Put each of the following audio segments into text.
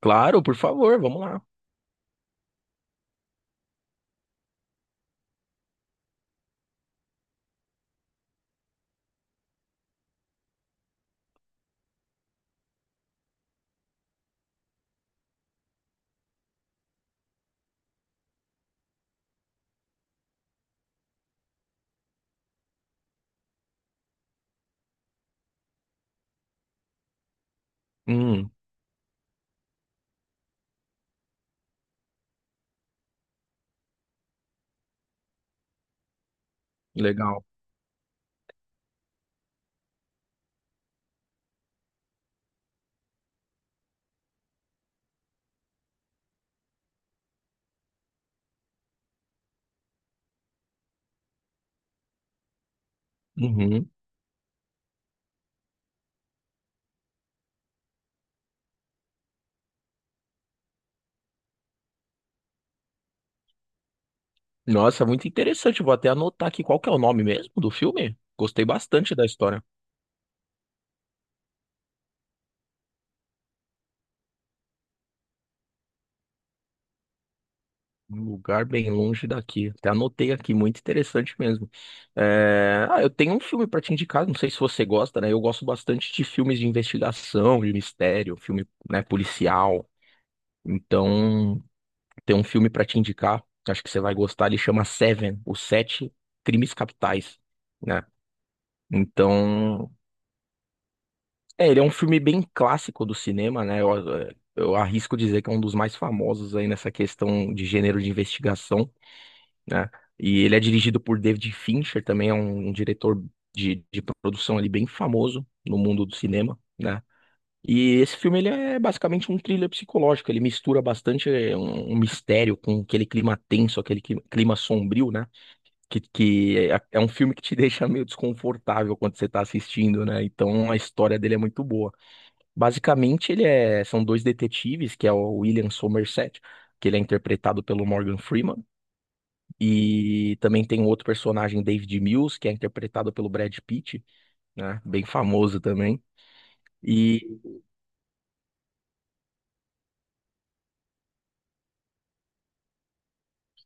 Claro, por favor, vamos lá. Hum, legal. Uhum. Nossa, muito interessante. Vou até anotar aqui qual que é o nome mesmo do filme. Gostei bastante da história. Um lugar bem longe daqui. Até anotei aqui, muito interessante mesmo. Ah, eu tenho um filme para te indicar, não sei se você gosta, né? Eu gosto bastante de filmes de investigação, de mistério, filme, né, policial. Então, tem um filme para te indicar, acho que você vai gostar. Ele chama Seven, Os Sete Crimes Capitais, né? Então, ele é um filme bem clássico do cinema, né? Eu arrisco dizer que é um dos mais famosos aí nessa questão de gênero de investigação, né? E ele é dirigido por David Fincher, também é um diretor de produção ali bem famoso no mundo do cinema, né? E esse filme ele é basicamente um thriller psicológico, ele mistura bastante um mistério com aquele clima tenso, clima sombrio, né? Que é, é um filme que te deixa meio desconfortável quando você tá assistindo, né? Então a história dele é muito boa. Basicamente, ele é, são dois detetives, que é o William Somerset, que ele é interpretado pelo Morgan Freeman, e também tem um outro personagem, David Mills, que é interpretado pelo Brad Pitt, né? Bem famoso também. E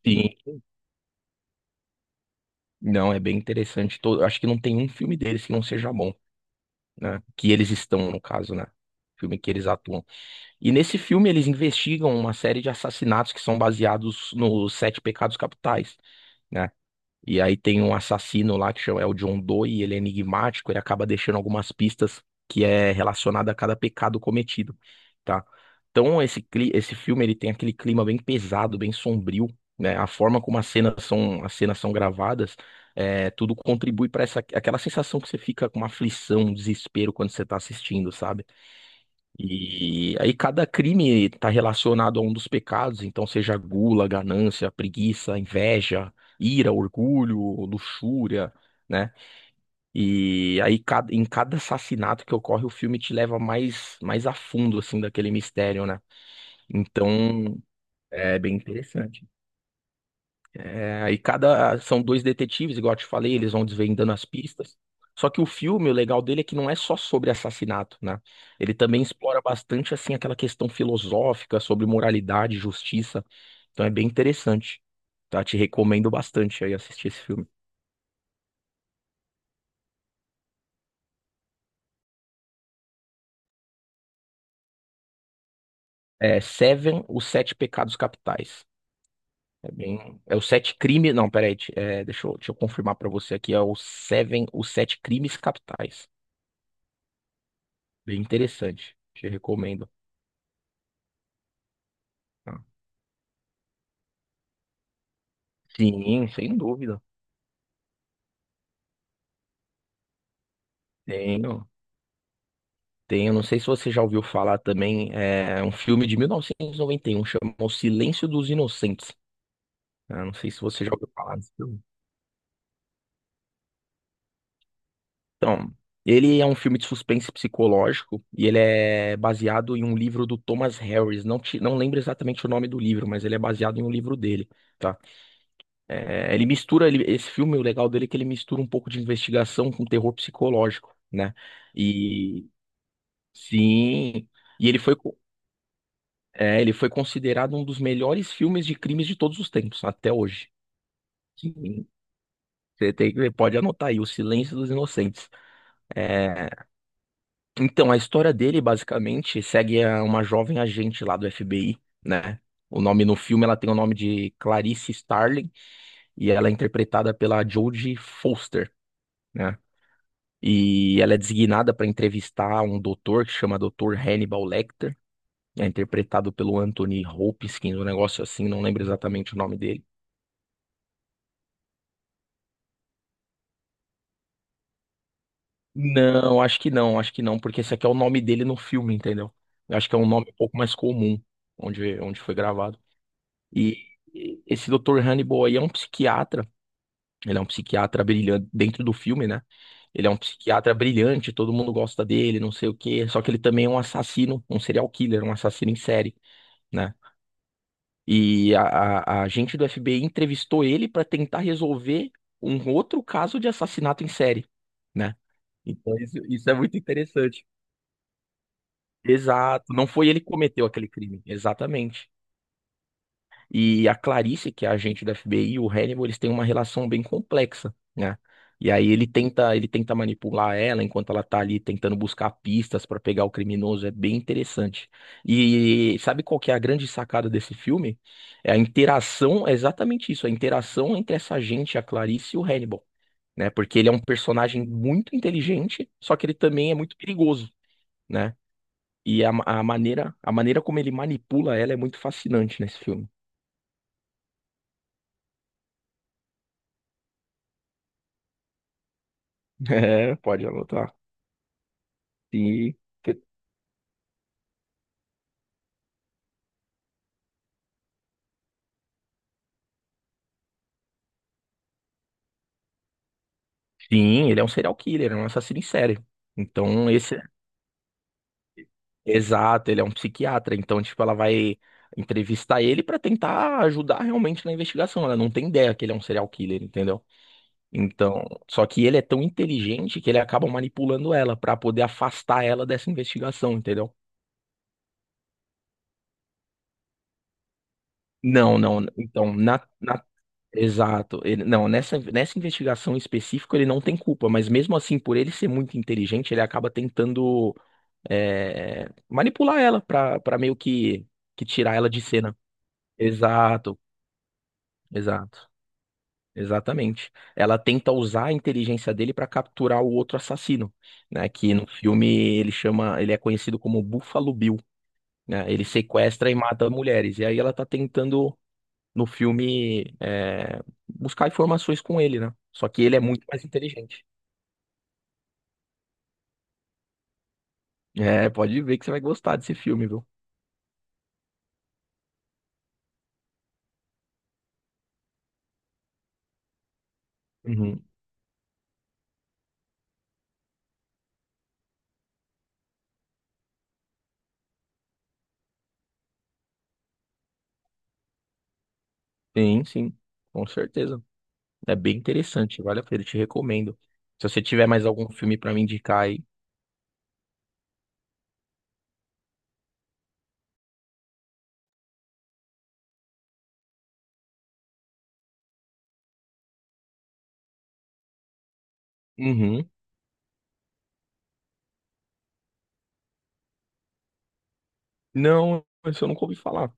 sim, não, é bem interessante. Todo, acho que não tem um filme deles que não seja bom, né? Que eles estão, no caso, né? Filme que eles atuam. E nesse filme eles investigam uma série de assassinatos que são baseados nos Sete Pecados Capitais, né? E aí tem um assassino lá que chama, é o John Doe, e ele é enigmático, ele acaba deixando algumas pistas que é relacionada a cada pecado cometido, tá? Esse filme ele tem aquele clima bem pesado, bem sombrio, né? A forma como as cenas são gravadas, é, tudo contribui para essa aquela sensação que você fica com uma aflição, um desespero quando você tá assistindo, sabe? E aí cada crime está relacionado a um dos pecados, então seja gula, ganância, preguiça, inveja, ira, orgulho, luxúria, né? Em cada assassinato que ocorre, o filme te leva mais a fundo assim daquele mistério, né? Então, é bem interessante. É, aí cada. São dois detetives, igual eu te falei, eles vão desvendando as pistas. Só que o filme, o legal dele é que não é só sobre assassinato, né? Ele também explora bastante, assim, aquela questão filosófica sobre moralidade, justiça. Então é bem interessante, tá? Te recomendo bastante aí assistir esse filme. É Seven, Os Sete Pecados Capitais. É bem. É os sete crimes. Não, peraí. É, deixa eu confirmar pra você aqui. É o Seven, Os Sete Crimes Capitais. Bem interessante. Te recomendo, tá? Sim, sem dúvida. Tenho, tenho. Não sei se você já ouviu falar também, é um filme de mil novecentos e noventa e um chama O Silêncio dos Inocentes, né? Não sei se você já ouviu falar desse filme. Então, ele é um filme de suspense psicológico e ele é baseado em um livro do Thomas Harris. Não lembro exatamente o nome do livro, mas ele é baseado em um livro dele, tá? Esse filme, o legal dele é que ele mistura um pouco de investigação com terror psicológico, né? E sim. E ele foi. É, ele foi considerado um dos melhores filmes de crimes de todos os tempos, até hoje. Sim. Você tem, você pode anotar aí, O Silêncio dos Inocentes. É, então, a história dele, basicamente, segue a uma jovem agente lá do FBI, né? O nome no filme, ela tem o nome de Clarice Starling e ela é interpretada pela Jodie Foster, né? E ela é designada para entrevistar um doutor que chama Doutor Hannibal Lecter, é interpretado pelo Anthony Hopkins, um negócio assim, não lembro exatamente o nome dele. Não, acho que não, acho que não, porque esse aqui é o nome dele no filme, entendeu? Eu acho que é um nome um pouco mais comum onde foi gravado. E esse Dr. Hannibal aí é um psiquiatra, ele é um psiquiatra brilhante dentro do filme, né? Ele é um psiquiatra brilhante, todo mundo gosta dele, não sei o quê, só que ele também é um assassino, um serial killer, um assassino em série, né? E a, a gente do FBI entrevistou ele para tentar resolver um outro caso de assassinato em série, né? Então, isso é muito interessante. Exato, não foi ele que cometeu aquele crime, exatamente. E a Clarice, que é a agente da FBI, e o Hannibal, eles têm uma relação bem complexa, né? E aí ele tenta manipular ela enquanto ela tá ali tentando buscar pistas para pegar o criminoso, é bem interessante. E sabe qual que é a grande sacada desse filme? É a interação, é exatamente isso, a interação entre essa agente, a Clarice e o Hannibal, né? Porque ele é um personagem muito inteligente, só que ele também é muito perigoso, né? A maneira como ele manipula ela é muito fascinante nesse filme. É, pode anotar. Sim, sim, ele é um serial killer, é um assassino em série. Então, esse, exato, ele é um psiquiatra. Então, tipo, ela vai entrevistar ele pra tentar ajudar realmente na investigação. Ela não tem ideia que ele é um serial killer, entendeu? Então, só que ele é tão inteligente que ele acaba manipulando ela pra poder afastar ela dessa investigação, entendeu? Não, não. Então, na, na Exato. Ele, não, nessa, nessa investigação específica ele não tem culpa, mas mesmo assim, por ele ser muito inteligente, ele acaba tentando manipular ela pra meio que tirar ela de cena. Exato, exato, exatamente. Ela tenta usar a inteligência dele pra capturar o outro assassino, né? Que no filme ele chama, ele é conhecido como Buffalo Bill, né? Ele sequestra e mata mulheres. E aí ela tá tentando no filme buscar informações com ele, né? Só que ele é muito mais inteligente. É, pode ver que você vai gostar desse filme, viu? Uhum. Sim, sim, com certeza. É bem interessante, vale a pena, eu te recomendo. Se você tiver mais algum filme pra me indicar aí. Uhum. Não, isso eu nunca ouvi falar.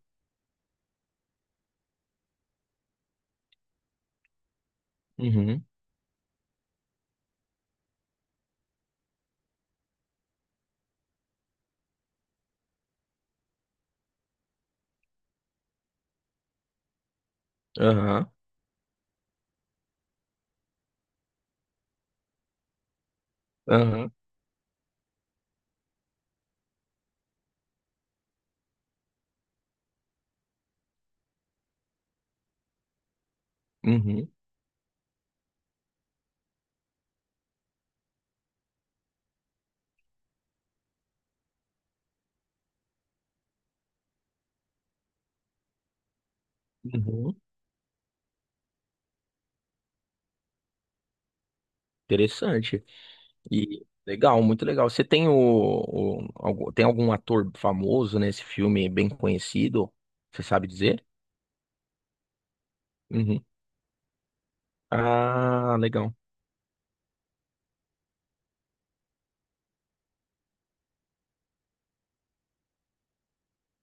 Uhum. Aham. Aham. Uhum. Uhum. Interessante. E legal, muito legal. Você tem tem algum ator famoso nesse filme bem conhecido? Você sabe dizer? Uhum. Ah, legal.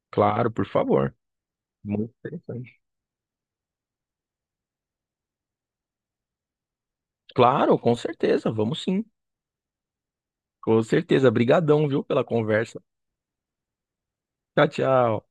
Claro, por favor. Muito interessante. Claro, com certeza. Vamos sim. Com certeza. Brigadão, viu, pela conversa. Tchau, tchau.